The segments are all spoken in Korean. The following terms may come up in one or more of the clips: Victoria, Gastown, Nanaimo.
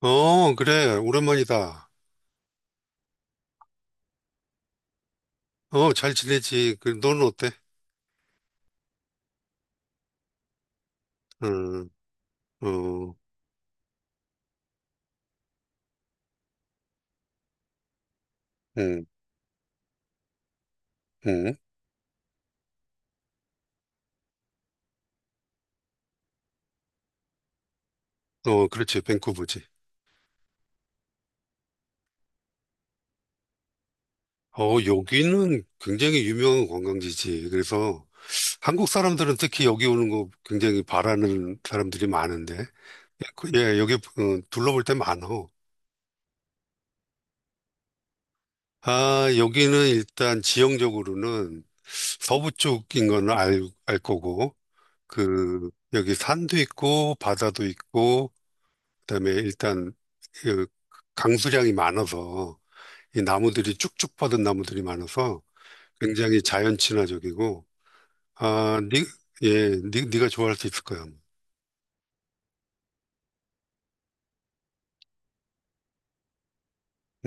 어, 그래. 오랜만이다. 어, 잘 지내지. 그, 너는 어때? 음, 어, 응. 응. 어, 그렇지. 밴쿠버지. 어, 여기는 굉장히 유명한 관광지지. 그래서 한국 사람들은 특히 여기 오는 거 굉장히 바라는 사람들이 많은데. 그- 예, 여기 어, 둘러볼 때 많어. 아, 여기는 일단 지형적으로는 서부 쪽인 건 알 거고, 그, 여기 산도 있고, 바다도 있고, 그다음에 일단 그 강수량이 많아서 이 나무들이 쭉쭉 뻗은 나무들이 많아서 굉장히 자연 친화적이고. 아, 니, 예, 니가 좋아할 수 있을 거야.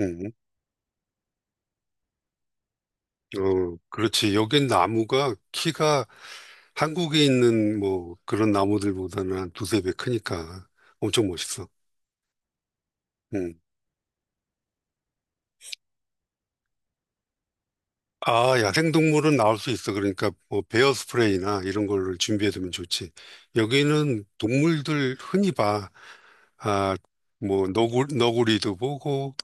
음, 어, 그렇지. 여긴 나무가 키가 한국에 있는 뭐 그런 나무들보다는 한 두세 배 크니까 엄청 멋있어. 음. 아, 야생동물은 나올 수 있어. 그러니까 뭐 베어 스프레이나 이런 걸 준비해두면 좋지. 여기는 동물들 흔히 봐. 아, 뭐 너구리도 보고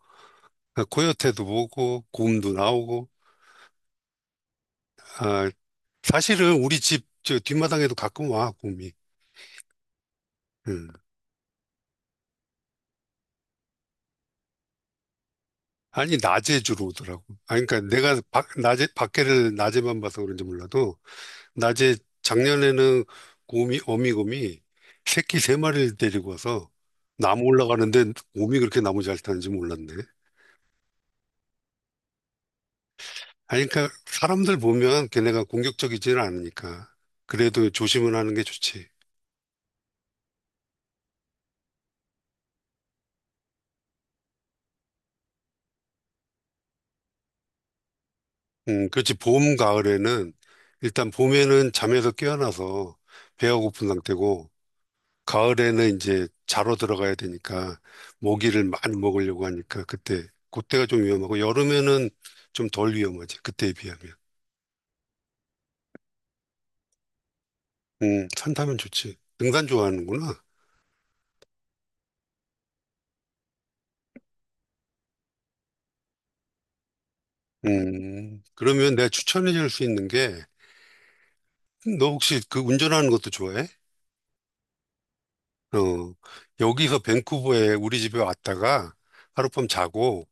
아, 코요테도 보고 곰도 나오고. 아, 사실은 우리 집 저 뒷마당에도 가끔 와 곰이. 음. 아니, 낮에 주로 오더라고. 아, 그러니까 내가 낮에 밖에를 낮에만 봐서 그런지 몰라도 낮에, 작년에는 곰이, 어미곰이 새끼 세 마리를 데리고 와서 나무 올라가는데 곰이 그렇게 나무 잘 타는지 몰랐네. 아니, 그러니까 사람들 보면 걔네가 공격적이지는 않으니까. 그래도 조심은 하는 게 좋지. 그렇지. 봄, 가을에는 일단 봄에는 잠에서 깨어나서 배가 고픈 상태고, 가을에는 이제 자러 들어가야 되니까 모기를 많이 먹으려고 하니까 그때가 좀 위험하고, 여름에는 좀 덜 위험하지. 그때에 비하면. 산타면 좋지. 등산 좋아하는구나. 그러면 내가 추천해 줄 수 있는 게, 너 혹시 그 운전하는 것도 좋아해? 어, 여기서 밴쿠버에 우리 집에 왔다가 하룻밤 자고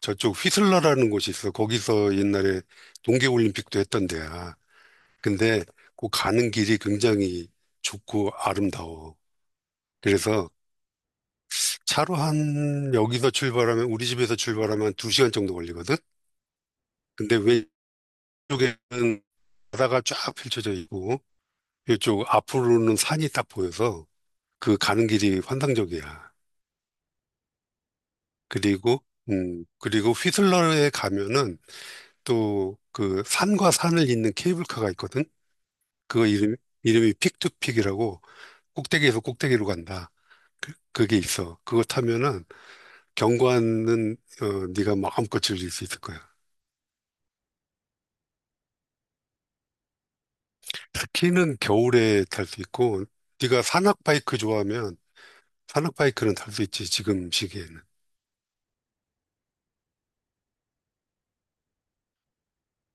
저쪽 휘슬러라는 곳이 있어. 거기서 옛날에 동계올림픽도 했던 데야. 근데 그 가는 길이 굉장히 좋고 아름다워. 그래서 차로 한, 여기서 출발하면, 우리 집에서 출발하면 두시간 정도 걸리거든? 근데 왼쪽에는 바다가 쫙 펼쳐져 있고 이쪽 앞으로는 산이 딱 보여서 그 가는 길이 환상적이야. 그리고 음, 그리고 휘슬러에 가면은 또 그 산과 산을 잇는 케이블카가 있거든. 그거 이름이 픽투픽이라고, 꼭대기에서 꼭대기로 간다. 그, 그게 있어. 그거 타면은 경관은 어, 네가 마음껏 즐길 수 있을 거야. 스키는 겨울에 탈 수 있고 네가 산악 바이크 좋아하면 산악 바이크는 탈 수 있지 지금 시기에는.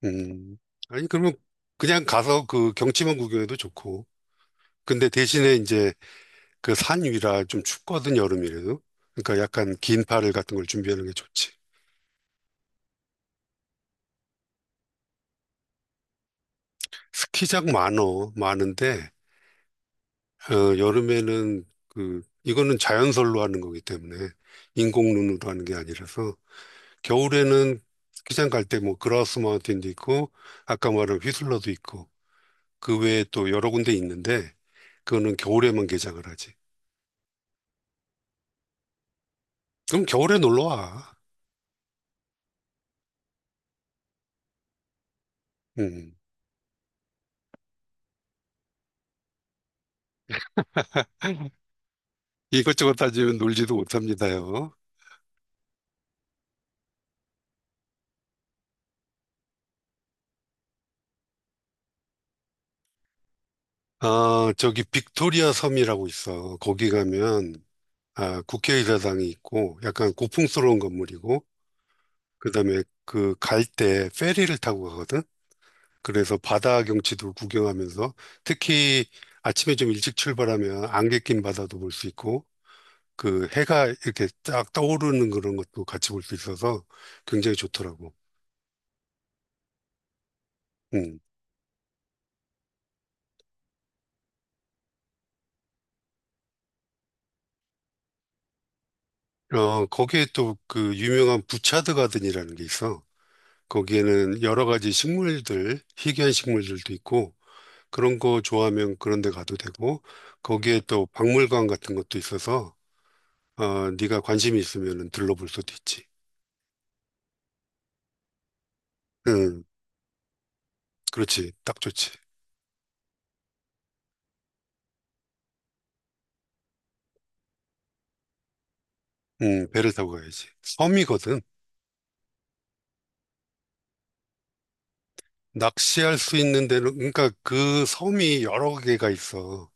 음. 아니, 그러면 그냥 가서 그 경치만 구경해도 좋고. 근데 대신에 이제 그 산 위라 좀 춥거든, 여름이라도. 그러니까 약간 긴 파를 같은 걸 준비하는 게 좋지. 스키장 많어, 많은데, 어, 여름에는 그, 이거는 자연설로 하는 거기 때문에, 인공눈으로 하는 게 아니라서. 겨울에는 스키장 갈 때 뭐 그라우스 마운틴도 있고 아까 말한 휘슬러도 있고 그 외에 또 여러 군데 있는데 그거는 겨울에만 개장을 하지. 그럼 겨울에 놀러 와. 음. 이것저것 따지면 놀지도 못합니다요. 아, 저기 빅토리아 섬이라고 있어. 거기 가면 아, 국회의사당이 있고 약간 고풍스러운 건물이고, 그다음에 그 갈 때 페리를 타고 가거든. 그래서 바다 경치도 구경하면서, 특히 아침에 좀 일찍 출발하면 안개 낀 바다도 볼 수 있고 그 해가 이렇게 쫙 떠오르는 그런 것도 같이 볼 수 있어서 굉장히 좋더라고. 음. 어, 거기에 또 그 유명한 부차드 가든이라는 게 있어. 거기에는 여러 가지 식물들, 희귀한 식물들도 있고, 그런 거 좋아하면 그런 데 가도 되고, 거기에 또 박물관 같은 것도 있어서, 어, 네가 관심이 있으면 들러볼 수도 있지. 응, 그렇지. 딱 좋지. 응, 배를 타고 가야지. 섬이거든. 낚시할 수 있는 데는, 그러니까 그 섬이 여러 개가 있어.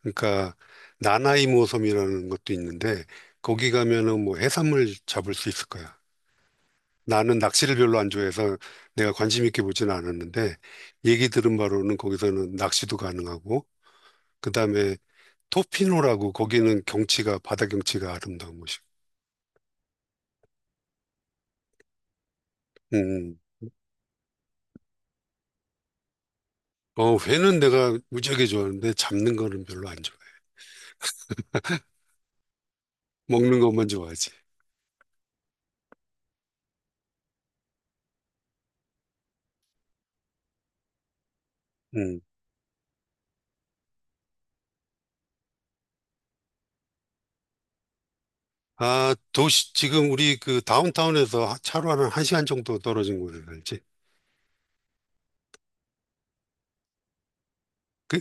그러니까 나나이모 섬이라는 것도 있는데 거기 가면은 뭐 해산물 잡을 수 있을 거야. 나는 낚시를 별로 안 좋아해서 내가 관심 있게 보지는 않았는데, 얘기 들은 바로는 거기서는 낚시도 가능하고, 그다음에 토피노라고, 거기는 경치가, 바다 경치가 아름다운 곳이고. 음. 음. 어, 회는 내가 무지하게 좋아하는데 잡는 거는 별로 안 좋아해. 먹는 것만 좋아하지. 음. 아, 도시 지금 우리 그 다운타운에서 차로 한 1시간 정도 떨어진 곳에 살지. 그,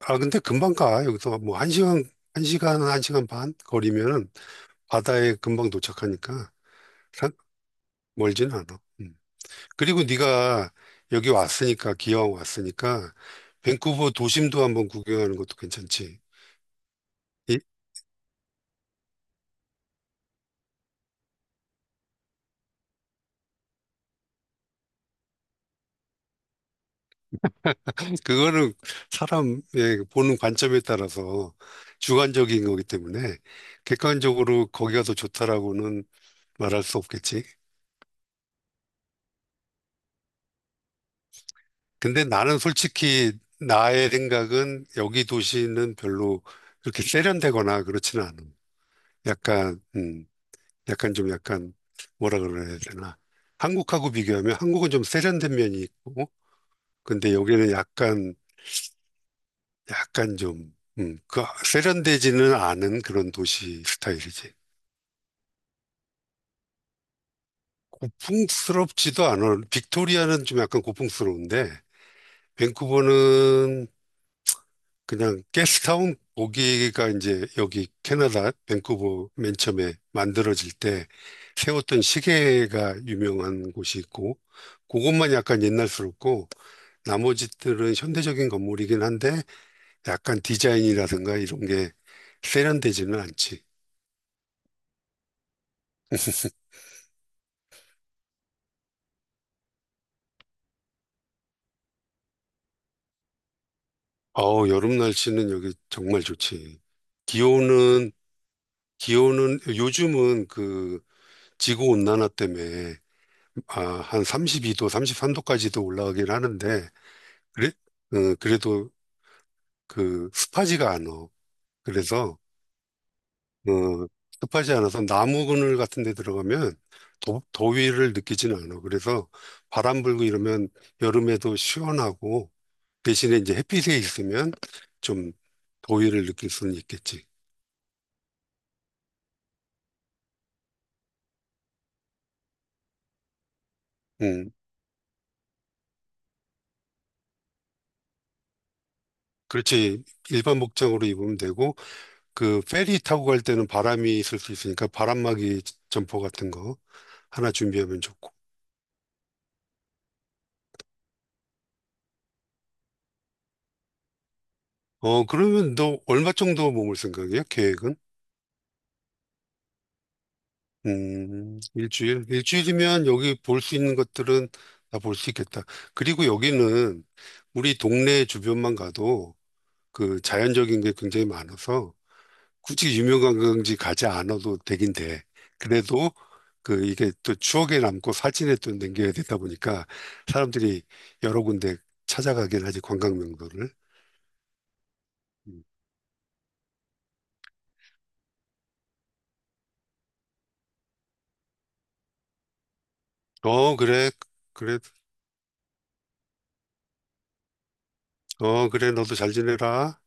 아, 근데 금방 가. 여기서 뭐 한 시간, 한 시간, 한 시간 반 거리면은 바다에 금방 도착하니까. 사- 멀진 않아. 음. 그리고 네가 여기 왔으니까, 기왕 왔으니까 밴쿠버 도심도 한번 구경하는 것도 괜찮지. 이- 그거는 사람의 보는 관점에 따라서 주관적인 거기 때문에 객관적으로 거기가 더 좋다라고는 말할 수 없겠지. 근데 나는 솔직히 나의 생각은, 여기 도시는 별로 그렇게 세련되거나 그렇지는 않아. 약간, 약간 좀 약간 뭐라 그래야 되나. 한국하고 비교하면 한국은 좀 세련된 면이 있고, 근데 여기는 약간, 약간 좀, 그 세련되지는 않은 그런 도시 스타일이지. 고풍스럽지도 않아. 빅토리아는 좀 약간 고풍스러운데, 밴쿠버는 그냥 게스트타운, 거기가 이제 여기 캐나다 밴쿠버 맨 처음에 만들어질 때 세웠던 시계가 유명한 곳이 있고 그것만 약간 옛날스럽고 나머지들은 현대적인 건물이긴 한데 약간 디자인이라든가 이런 게 세련되지는 않지. 어우, 여름 날씨는 여기 정말 좋지. 기온은 기온은 요즘은 그 지구 온난화 때문에 아, 한 32도, 33도까지도 올라가긴 하는데. 그래? 어, 그래도 그 습하지가 않아. 그래서 어, 습하지 않아서 나무 그늘 같은 데 들어가면 더위를 느끼지는 않아. 그래서 바람 불고 이러면 여름에도 시원하고, 대신에 이제 햇빛에 있으면 좀 더위를 느낄 수는 있겠지. 음, 그렇지. 일반 복장으로 입으면 되고 그 페리 타고 갈 때는 바람이 있을 수 있으니까 바람막이 점퍼 같은 거 하나 준비하면 좋고. 어, 그러면 너 얼마 정도 머물 생각이야? 계획은? 일주일? 일주일이면 여기 볼 수 있는 것들은 다 볼 수 있겠다. 그리고 여기는 우리 동네 주변만 가도 그 자연적인 게 굉장히 많아서 굳이 유명한 관광지 가지 않아도 되긴 돼. 그래도 그 이게 또 추억에 남고 사진에 또 남겨야 되다 보니까 사람들이 여러 군데 찾아가긴 하지, 관광 명소를. 음. 어, 그래. 그래. 어, 그래. 너도 잘 지내라.